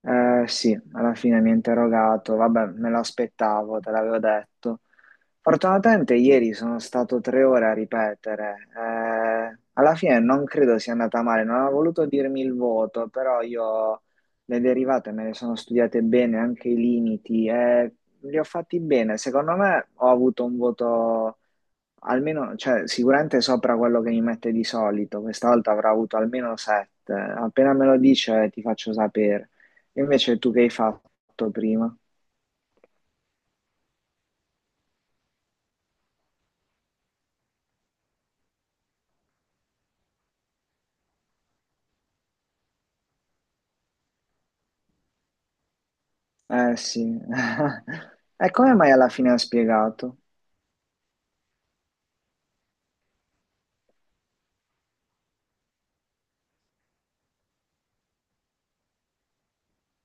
Sì, alla fine mi ha interrogato, vabbè, me lo aspettavo, te l'avevo detto. Fortunatamente ieri sono stato tre ore a ripetere. Alla fine non credo sia andata male, non ha voluto dirmi il voto, però io le derivate me le sono studiate bene, anche i limiti, e li ho fatti bene. Secondo me ho avuto un voto almeno, cioè, sicuramente sopra quello che mi mette di solito. Questa volta avrò avuto almeno sette. Appena me lo dice, ti faccio sapere. Invece tu che hai fatto prima? Eh sì. E come mai alla fine ha spiegato?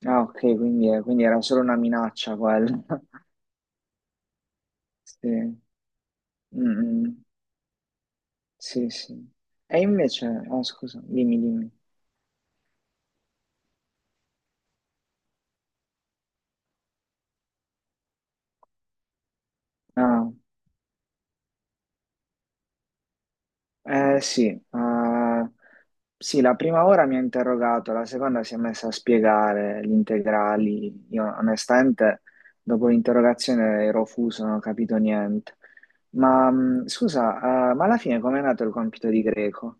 Ah, ok, quindi era solo una minaccia quella. Sì. Mm. Sì, sì. E invece... Ah scusa, dimmi. Ah. Eh sì, sì, la prima ora mi ha interrogato, la seconda si è messa a spiegare gli integrali. Io onestamente dopo l'interrogazione ero fuso, non ho capito niente. Ma scusa, ma alla fine com'è nato il compito di greco?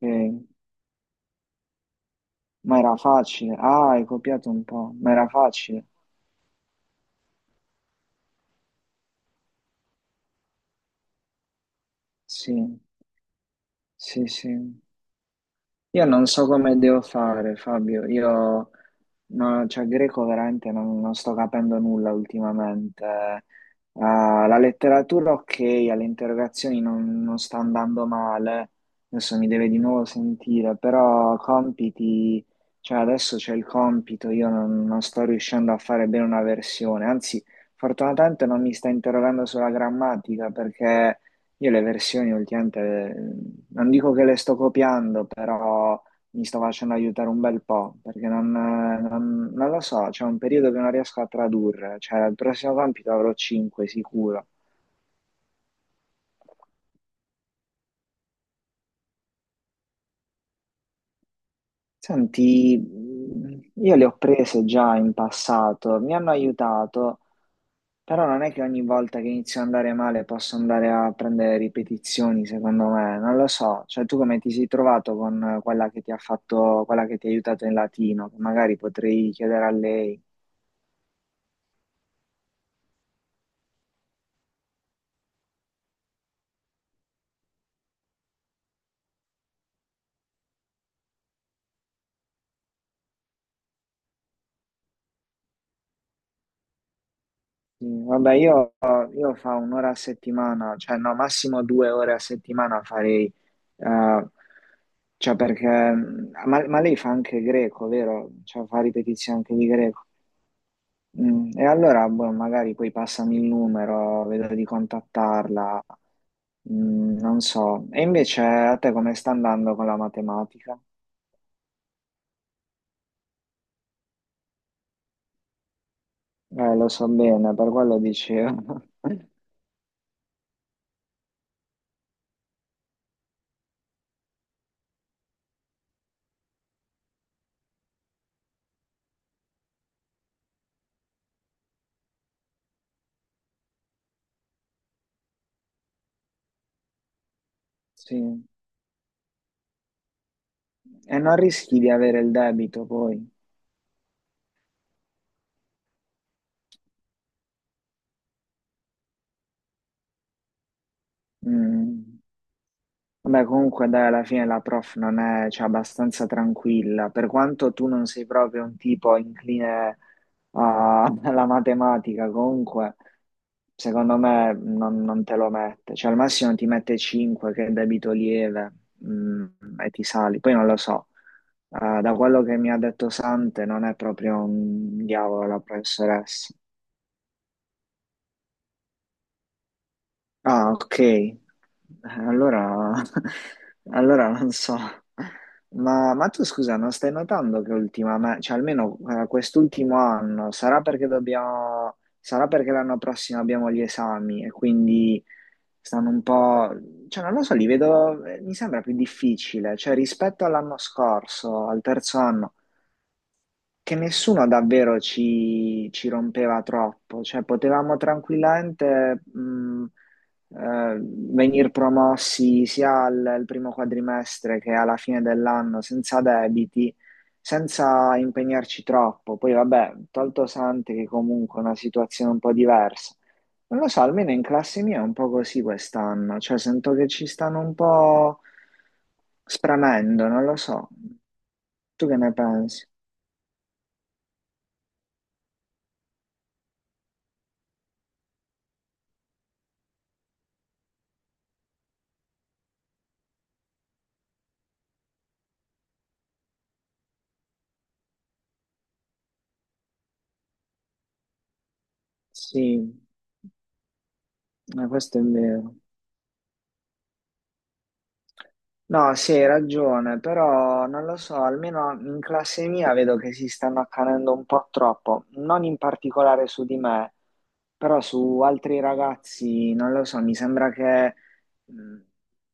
Eh, ma era facile. Ah, hai copiato un po', ma era facile. Sì, sì, sì. Io non so come devo fare, Fabio. Io, no, cioè, greco veramente non sto capendo nulla ultimamente. Ah, la letteratura, ok, alle interrogazioni non sta andando male. Adesso mi deve di nuovo sentire, però compiti, cioè, adesso c'è il compito. Io non, non sto riuscendo a fare bene una versione. Anzi, fortunatamente non mi sta interrogando sulla grammatica perché. Io le versioni ultimamente eh, non dico che le sto copiando, però mi sto facendo aiutare un bel po', perché non, non lo so, c'è un periodo che non riesco a tradurre, cioè il prossimo compito avrò 5 sicuro. Senti, io le ho prese già in passato, mi hanno aiutato, però non è che ogni volta che inizio ad andare male posso andare a prendere ripetizioni, secondo me, non lo so. Cioè, tu come ti sei trovato con quella che ti ha fatto, quella che ti ha aiutato in latino, che magari potrei chiedere a lei. Sì, vabbè, io fa un'ora a settimana, cioè no, massimo due ore a settimana farei, eh, cioè perché, ma lei fa anche greco, vero? Cioè fa ripetizioni anche di greco. Mm, e allora, boh, magari poi passami il numero, vedo di contattarla. Mm, non so. E invece a te come sta andando con la matematica? Lo so bene, per quello dicevo. Sì. E non rischi di avere il debito poi. Mm. Vabbè, comunque dai, alla fine la prof non è, cioè, abbastanza tranquilla, per quanto tu non sei proprio un tipo incline alla matematica, comunque secondo me non te lo mette, cioè al massimo ti mette 5 che è debito lieve, mm, e ti sali, poi non lo so. Da quello che mi ha detto Sante non è proprio un diavolo la professoressa. Ah, ok. Allora, allora non so. Ma tu scusa, non stai notando che ultimamente, cioè almeno quest'ultimo anno, sarà perché dobbiamo, sarà perché l'anno prossimo abbiamo gli esami e quindi stanno un po', cioè non lo so, li vedo, mi sembra più difficile, cioè rispetto all'anno scorso, al terzo anno, che nessuno davvero ci rompeva troppo, cioè potevamo tranquillamente venir promossi sia al primo quadrimestre che alla fine dell'anno senza debiti, senza impegnarci troppo. Poi vabbè, tolto Sante che comunque è una situazione un po' diversa. Non lo so, almeno in classe mia è un po' così quest'anno, cioè sento che ci stanno un po' spremendo, non lo so. Tu che ne pensi? Sì, questo è vero. No, sì, hai ragione, però non lo so, almeno in classe mia vedo che si stanno accanendo un po' troppo, non in particolare su di me, però su altri ragazzi, non lo so, mi sembra che... Mm.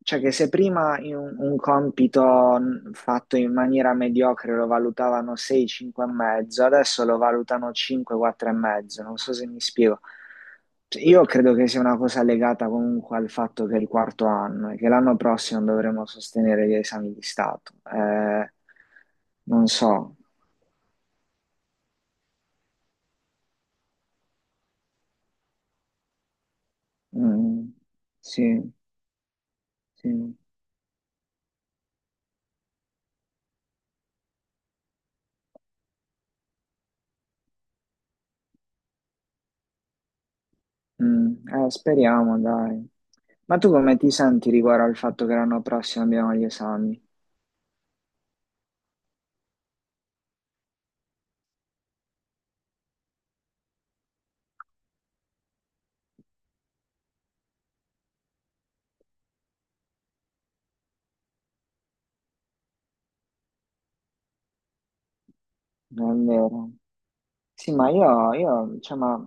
Cioè che se prima in un compito fatto in maniera mediocre lo valutavano 6, 5 e mezzo, adesso lo valutano 5, 4 e mezzo, non so se mi spiego. Cioè, io credo che sia una cosa legata comunque al fatto che è il quarto anno e che l'anno prossimo dovremo sostenere gli esami di Stato. Non so. Mm, sì, sì. Mm, speriamo, dai. Ma tu come ti senti riguardo al fatto che l'anno prossimo abbiamo gli esami? Non è vero? Sì, ma cioè, ma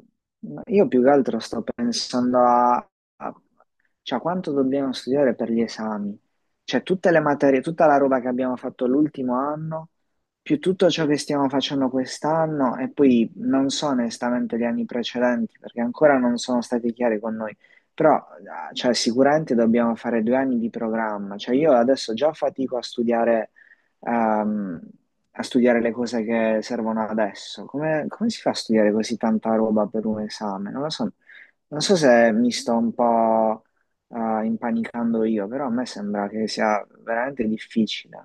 io più che altro sto pensando a, a- cioè, quanto dobbiamo studiare per gli esami. Cioè, tutte le materie, tutta la roba che abbiamo fatto l'ultimo anno, più tutto ciò che stiamo facendo quest'anno, e poi non so onestamente gli anni precedenti, perché ancora non sono stati chiari con noi. Però, ah, cioè, sicuramente dobbiamo fare due anni di programma. Cioè, io adesso già fatico a studiare a, a studiare le cose che servono adesso. Come si fa a studiare così tanta roba per un esame? Non lo so, non so se mi sto un po' impanicando io, però a me sembra che sia veramente difficile.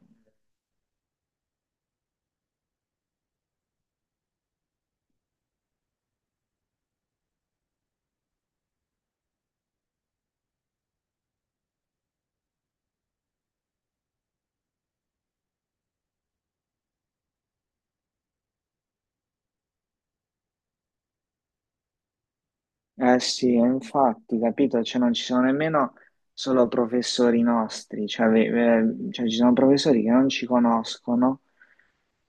Eh sì, infatti, capito, cioè non ci sono nemmeno solo professori nostri, cioè, cioè ci sono professori che non ci conoscono.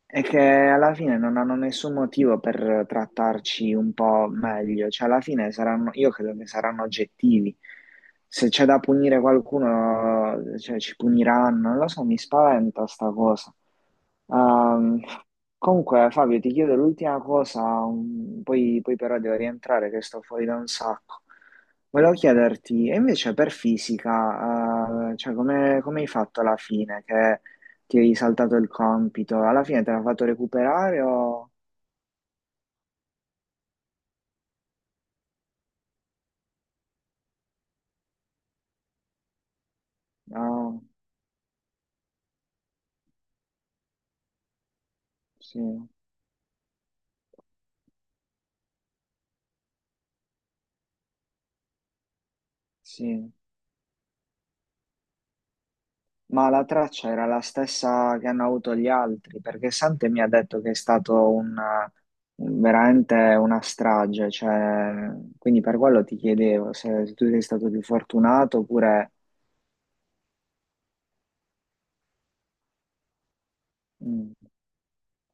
È che alla fine non hanno nessun motivo per trattarci un po' meglio, cioè alla fine saranno, io credo che saranno oggettivi. Se c'è da punire qualcuno, cioè ci puniranno, non lo so, mi spaventa sta cosa. Ehm, comunque Fabio, ti chiedo l'ultima cosa, poi però devo rientrare che sto fuori da un sacco. Volevo chiederti, e invece per fisica, cioè come hai fatto alla fine? Che ti hai saltato il compito, alla fine te l'ha fatto recuperare o... No, sì, sì. Ma la traccia era la stessa che hanno avuto gli altri, perché Sante mi ha detto che è stato un, veramente una strage, cioè, quindi per quello ti chiedevo se tu sei stato più fortunato oppure... Mm,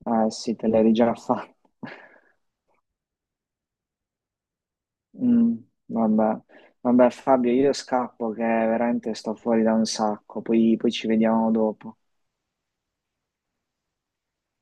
eh sì, te l'eri già fatta. Mm, vabbè. Vabbè Fabio, io scappo che veramente sto fuori da un sacco, poi ci vediamo dopo.